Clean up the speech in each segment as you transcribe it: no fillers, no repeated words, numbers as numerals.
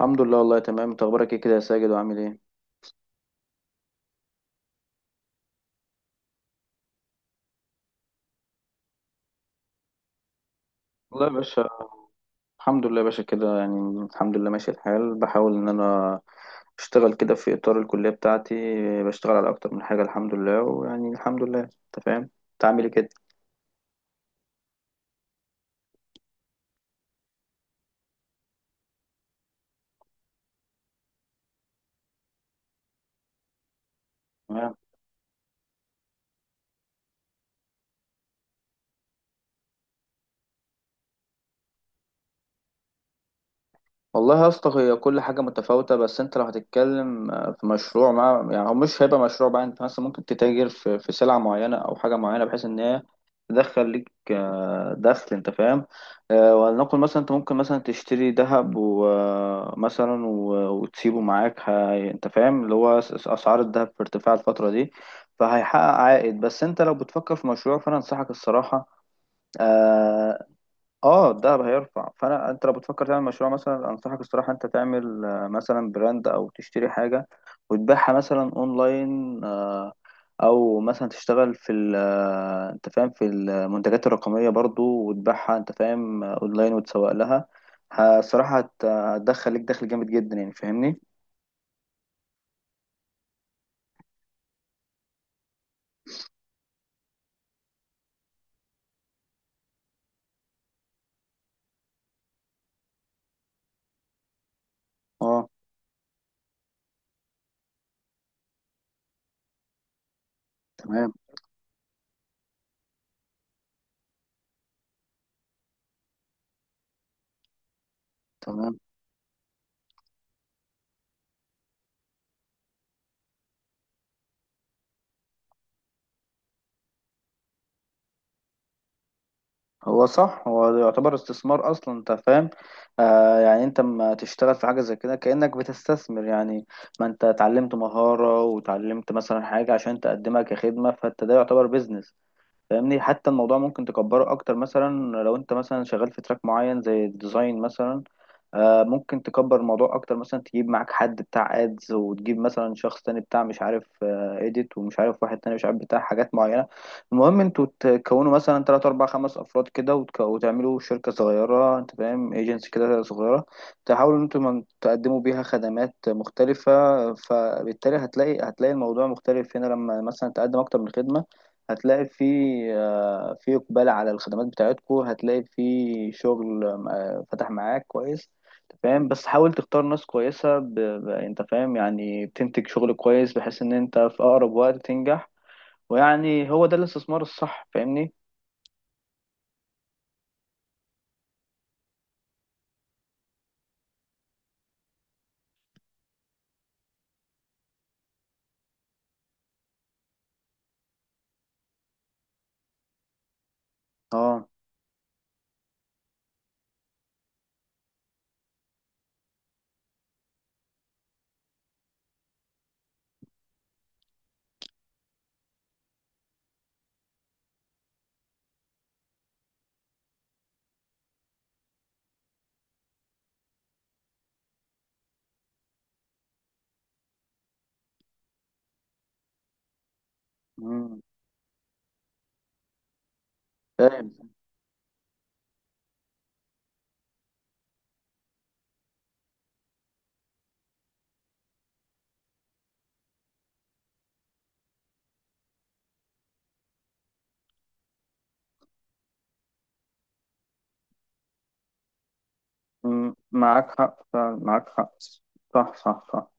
الحمد لله والله تمام. انت اخبارك ايه كده يا ساجد؟ وعامل ايه؟ والله يا باشا. الحمد لله يا باشا كده، يعني الحمد لله ماشي الحال. بحاول ان انا اشتغل كده في اطار الكليه بتاعتي، بشتغل على اكتر من حاجه الحمد لله. ويعني الحمد لله انت فاهم. انت عامل ايه كده؟ والله يا اسطى هي كل حاجة متفاوتة. بس انت لو هتتكلم في مشروع، مع يعني هو مش هيبقى مشروع بقى. انت مثلا ممكن تتاجر في سلعة معينة او حاجة معينة بحيث ان هي تدخل ليك دخل. انت فاهم؟ ولنقل مثلا انت ممكن مثلا تشتري ذهب ومثلا وتسيبه معاك. انت فاهم اللي هو اسعار الذهب في ارتفاع الفترة دي، فهيحقق عائد. بس انت لو بتفكر في مشروع فانا انصحك الصراحة. آه، اه الدهب هيرفع. فانا انت لو بتفكر تعمل مشروع مثلا انصحك الصراحه انت تعمل مثلا براند او تشتري حاجه وتبيعها مثلا اونلاين. او مثلا تشتغل في انت فاهم في المنتجات الرقميه برضو وتبيعها. انت فاهم اونلاين وتسوق لها. الصراحه هتدخل لك دخل جامد جدا يعني فاهمني. اه تمام تمام. هو صح. هو ده يعتبر استثمار اصلا انت فاهم. يعني انت لما تشتغل في حاجه زي كده كانك بتستثمر يعني. ما انت اتعلمت مهاره وتعلمت مثلا حاجه عشان تقدمها كخدمه، فانت ده يعتبر بيزنس فاهمني. حتى الموضوع ممكن تكبره اكتر مثلا، لو انت مثلا شغال في تراك معين زي الديزاين مثلا ممكن تكبر الموضوع اكتر. مثلا تجيب معاك حد بتاع ادز، وتجيب مثلا شخص تاني بتاع مش عارف اديت، ومش عارف واحد تاني مش عارف بتاع حاجات معينة. المهم انتوا تكونوا مثلا تلات اربع خمس افراد كده، وتعملوا شركة صغيرة انت فاهم، ايجنسي كده صغيرة، تحاولوا ان انتوا تقدموا بيها خدمات مختلفة. فبالتالي هتلاقي الموضوع مختلف هنا لما مثلا تقدم اكتر من خدمة. هتلاقي في اقبال على الخدمات بتاعتكو، هتلاقي في شغل فتح معاك كويس. أنت فاهم. بس حاول تختار ناس كويسة انت فاهم، يعني بتنتج شغل كويس بحيث ان انت في اقرب وقت تنجح، ويعني هو ده الاستثمار الصح فاهمني. اه. مم. فاهم. مم. معاك حق فعلا، معاك حق. صح صح صح.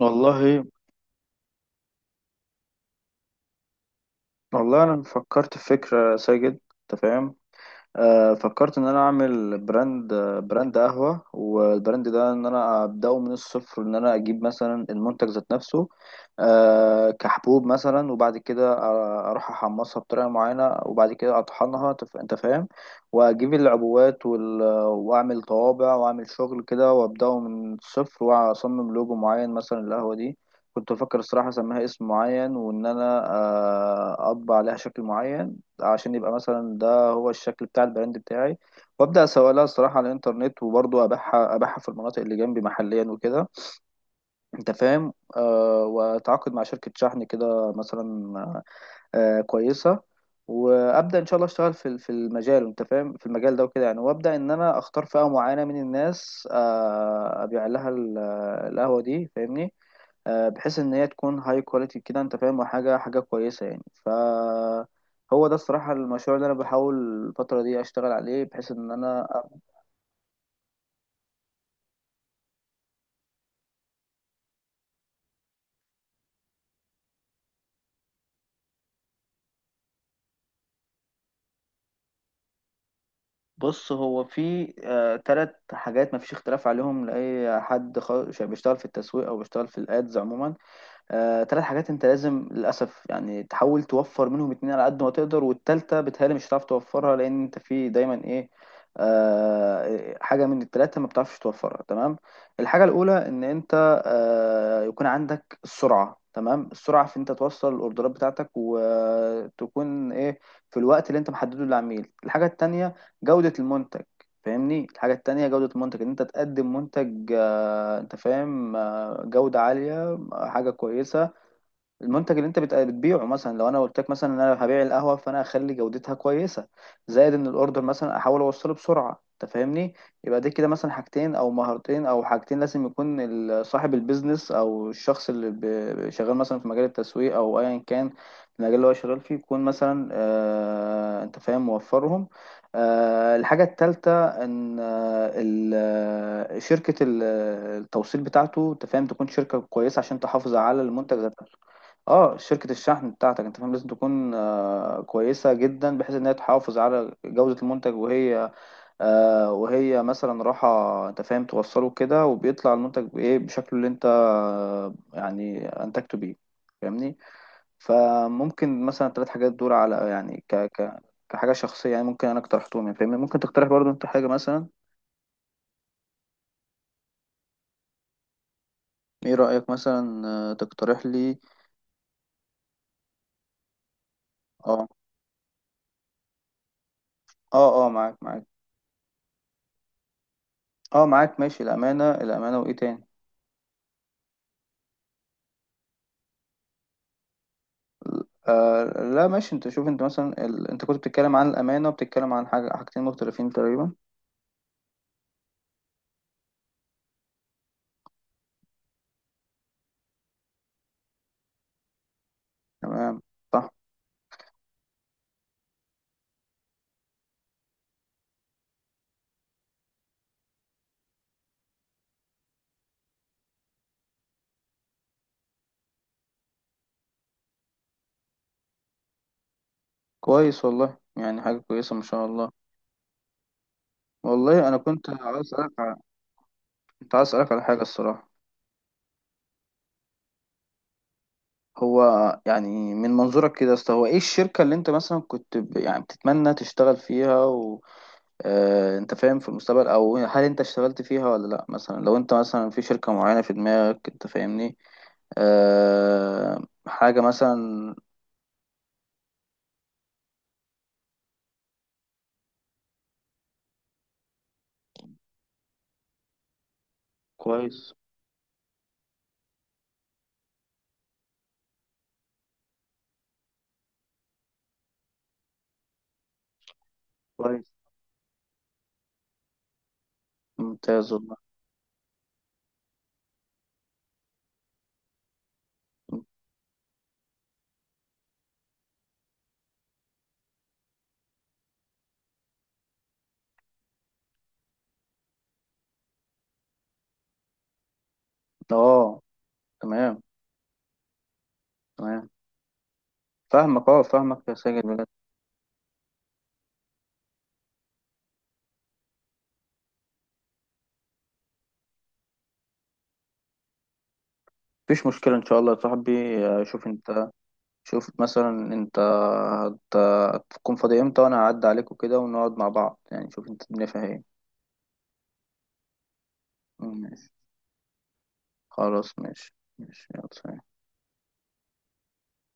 والله. والله انا فكرت في فكرة، ساجد. انت فاهم؟ فكرت ان انا اعمل براند. براند قهوة. والبراند ده ان انا ابداه من الصفر، ان انا اجيب مثلا المنتج ذات نفسه كحبوب مثلا. وبعد كده اروح احمصها بطريقة معينة، وبعد كده اطحنها انت فاهم، واجيب العبوات واعمل طوابع واعمل شغل كده، وابداه من الصفر، واصمم لوجو معين مثلا للقهوة دي. كنت بفكر الصراحة أسميها اسم معين، وإن أنا أطبع عليها شكل معين عشان يبقى مثلا هو الشكل بتاع البراند بتاعي. وابدا اسوق لها الصراحه على الانترنت، وبرضه ابيعها في المناطق اللي جنبي محليا وكده. انت فاهم واتعاقد مع شركه شحن كده مثلا كويسه، وابدا ان شاء الله اشتغل في المجال انت فاهم، في المجال ده وكده يعني. وابدا ان انا اختار فئه معينه من الناس ابيع لها القهوه دي فاهمني. بحيث ان هي تكون هاي كواليتي كده انت فاهم، وحاجه كويسه يعني. هو ده الصراحة المشروع اللي أنا بحاول الفترة دي أشتغل عليه، بحيث إن أنا بص، هو في 3 حاجات مفيش اختلاف عليهم لأي حد بيشتغل في التسويق أو بيشتغل في الأدز عموما. 3 حاجات انت لازم للاسف يعني تحاول توفر منهم 2 على قد ما تقدر، والتالتة بتهيألي مش هتعرف توفرها، لان انت في دايما ايه، حاجة من ال3 ما بتعرفش توفرها. تمام. الحاجة الأولى إن أنت يكون عندك السرعة. تمام، السرعة في أنت توصل الأوردرات بتاعتك، وتكون إيه في الوقت اللي أنت محدده للعميل. الحاجة التانية جودة المنتج فاهمني. الحاجة التانية جودة المنتج، إن أنت تقدم منتج أنت فاهم جودة عالية، حاجة كويسة. المنتج اللي انت بتبيعه مثلا، لو انا قلت لك مثلا ان انا هبيع القهوه فانا اخلي جودتها كويسه، زائد ان الاوردر مثلا احاول اوصله بسرعه انت فاهمني. يبقى دي كده مثلا حاجتين او مهارتين او حاجتين لازم يكون صاحب البيزنس او الشخص اللي شغال مثلا في مجال التسويق او ايا كان المجال اللي هو شغال فيه، يكون مثلا انت فاهم موفرهم. الحاجه الثالثه ان شركه التوصيل بتاعته انت فاهم، تكون شركه كويسه عشان تحافظ على المنتج ده. اه، شركة الشحن بتاعتك انت فاهم لازم تكون كويسة جدا، بحيث انها تحافظ على جودة المنتج وهي وهي مثلا راحة انت فاهم توصله كده، وبيطلع المنتج بايه بشكله اللي انت يعني انتجته بيه فاهمني. فممكن مثلا 3 حاجات دول على يعني ك ك كحاجة شخصية، يعني ممكن انا اقترحتهم يعني فاهمني. ممكن تقترح برضو انت حاجة مثلا. ايه رأيك مثلا تقترح لي. اه اه اه، معاك معاك. اه معاك ماشي، الأمانة الأمانة. وايه تاني؟ آه لا ماشي. انت شوف، انت مثلا انت كنت بتتكلم عن الامانه وبتتكلم عن حاجه، حاجتين مختلفين تقريبا. تمام. صح. كويس والله، يعني حاجه كويسه ما شاء الله. والله انا كنت عايز اسالك على. كنت عايز اسالك على حاجه الصراحه. هو يعني من منظورك كده يا اسطى، هو ايه الشركه اللي انت مثلا كنت يعني بتتمنى تشتغل فيها انت فاهم في المستقبل؟ او هل انت اشتغلت فيها ولا لا؟ مثلا لو انت مثلا في شركه معينه في دماغك انت فاهمني آه حاجه مثلا. كويس كويس ممتاز والله. اه تمام تمام، فاهمك اه فاهمك يا ساجد بجد. مفيش مشكلة ان شاء الله يا صاحبي. شوف انت. شوف مثلا انت هتكون فاضي امتى، وانا هعدي عليك وكده ونقعد مع بعض يعني. شوف انت الدنيا فيها ايه. ماشي. خلاص ماشي ماشي. يلا سلام.